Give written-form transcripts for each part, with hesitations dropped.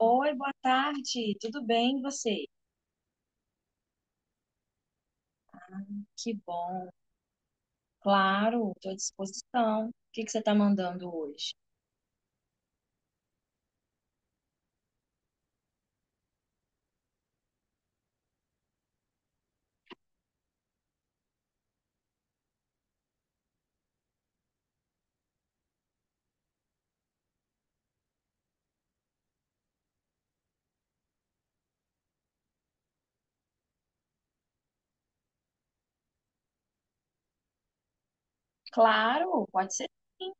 Oi, boa tarde. Tudo bem e você? Que bom. Claro, estou à disposição. O que você está mandando hoje? Claro, pode ser sim.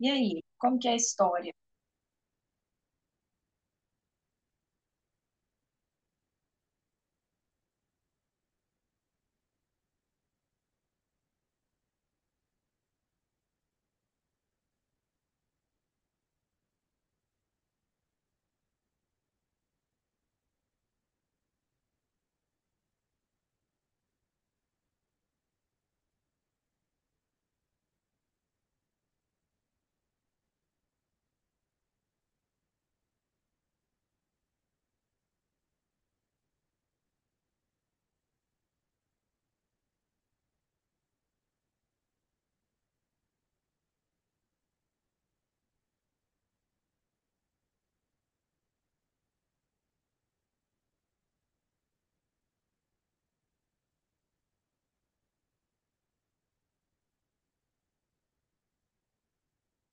E aí, como que é a história?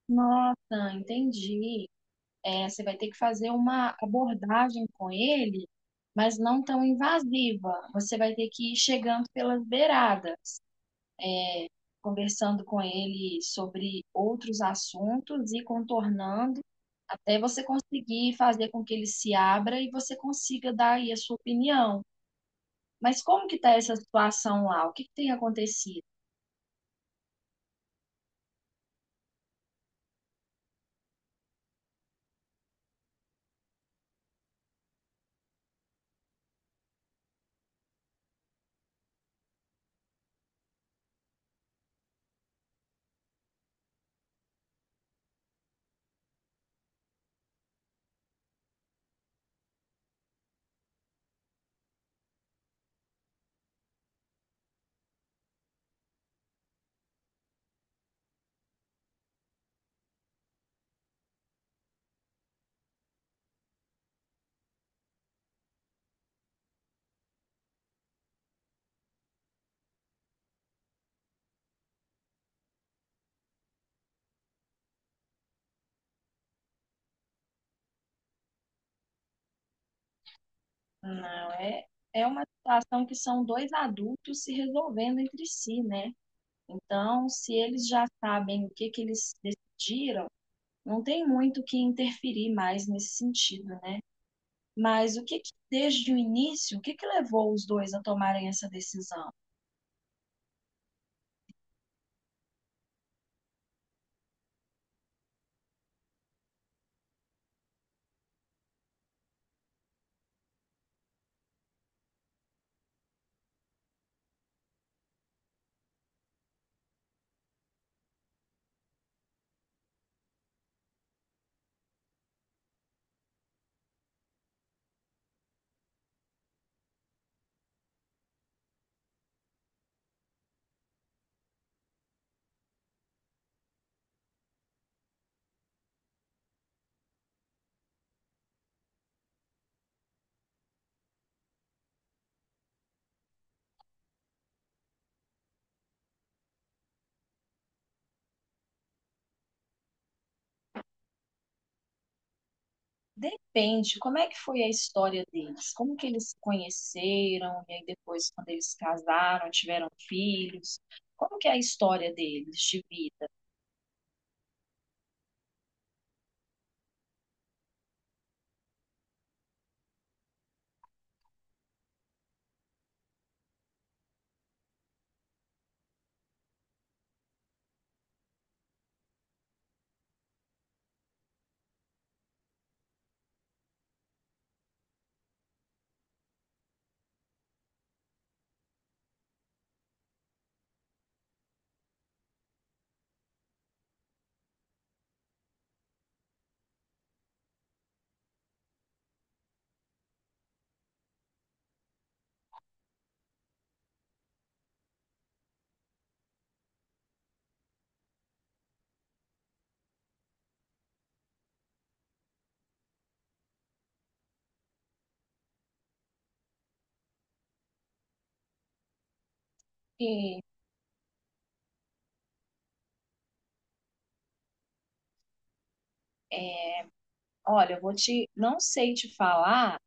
Nossa, entendi. Você vai ter que fazer uma abordagem com ele, mas não tão invasiva. Você vai ter que ir chegando pelas beiradas, conversando com ele sobre outros assuntos e contornando até você conseguir fazer com que ele se abra e você consiga dar aí a sua opinião. Mas como que está essa situação lá? O que tem acontecido? Não, é, é uma situação que são dois adultos se resolvendo entre si, né? Então, se eles já sabem o que eles decidiram, não tem muito o que interferir mais nesse sentido, né? Mas o que desde o início, o que levou os dois a tomarem essa decisão? Depende, como é que foi a história deles? Como que eles se conheceram? E aí depois, quando eles casaram, tiveram filhos? Como que é a história deles de vida? E, olha, não sei te falar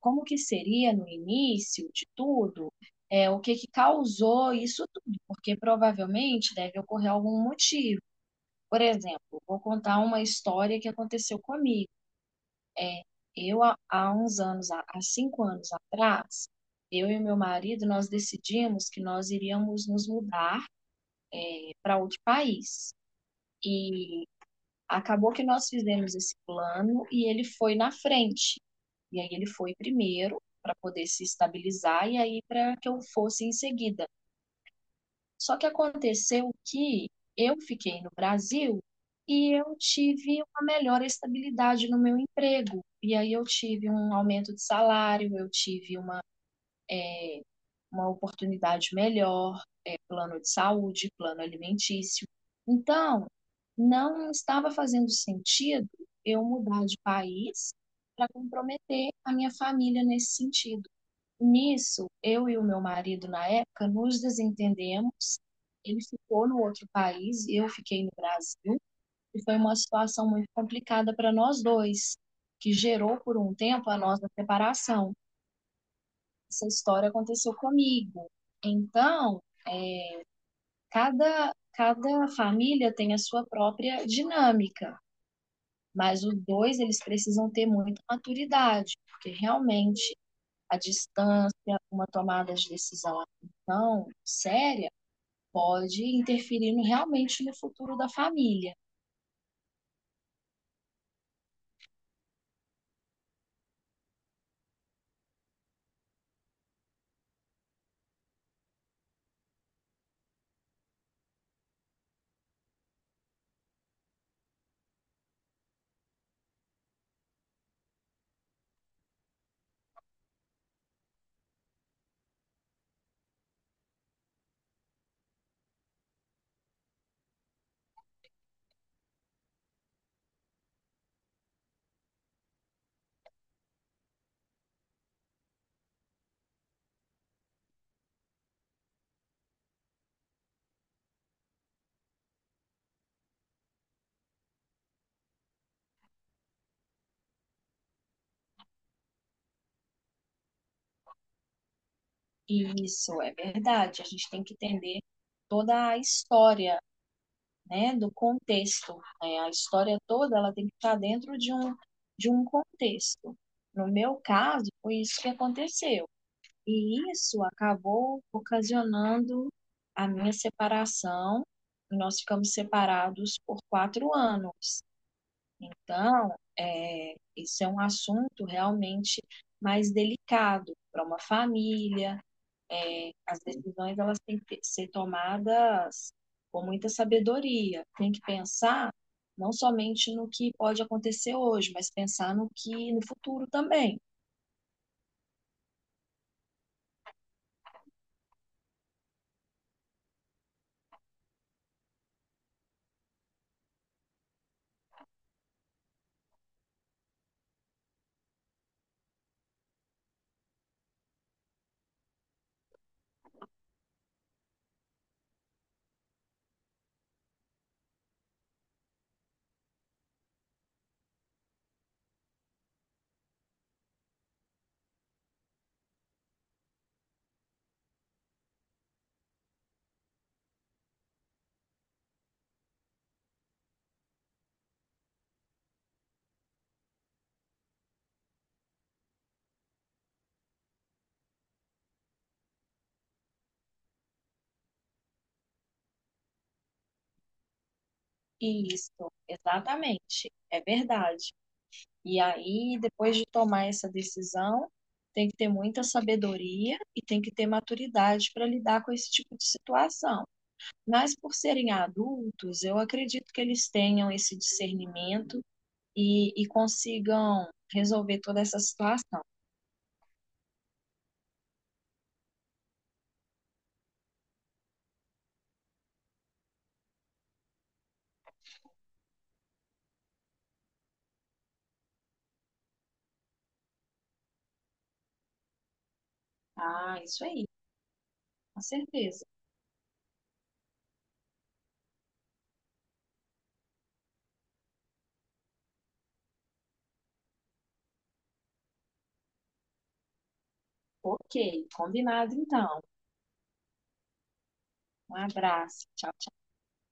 como que seria no início de tudo, o que que causou isso tudo, porque provavelmente deve ocorrer algum motivo. Por exemplo, vou contar uma história que aconteceu comigo. Eu, há uns anos, há 5 anos atrás, eu e meu marido, nós decidimos que nós iríamos nos mudar para outro país. E acabou que nós fizemos esse plano e ele foi na frente. E aí ele foi primeiro para poder se estabilizar e aí para que eu fosse em seguida. Só que aconteceu que eu fiquei no Brasil e eu tive uma melhor estabilidade no meu emprego. E aí eu tive um aumento de salário, eu tive uma oportunidade melhor, plano de saúde, plano alimentício. Então, não estava fazendo sentido eu mudar de país para comprometer a minha família nesse sentido. Nisso, eu e o meu marido, na época, nos desentendemos. Ele ficou no outro país, eu fiquei no Brasil, e foi uma situação muito complicada para nós dois, que gerou por um tempo a nossa separação. Essa história aconteceu comigo. Então, cada família tem a sua própria dinâmica, mas os dois eles precisam ter muita maturidade, porque realmente a distância, uma tomada de decisão assim tão séria pode interferir realmente no futuro da família. E isso é verdade. A gente tem que entender toda a história, né, do contexto. Né? A história toda ela tem que estar dentro de um contexto. No meu caso, foi isso que aconteceu. E isso acabou ocasionando a minha separação. Nós ficamos separados por 4 anos. Então, isso é um assunto realmente mais delicado para uma família. As decisões elas têm que ser tomadas com muita sabedoria. Tem que pensar não somente no que pode acontecer hoje, mas pensar no que no futuro também. Isso, exatamente, é verdade. E aí, depois de tomar essa decisão, tem que ter muita sabedoria e tem que ter maturidade para lidar com esse tipo de situação. Mas por serem adultos, eu acredito que eles tenham esse discernimento e consigam resolver toda essa situação. Ah, isso aí, com certeza. Ok, combinado então. Um abraço. Tchau, tchau.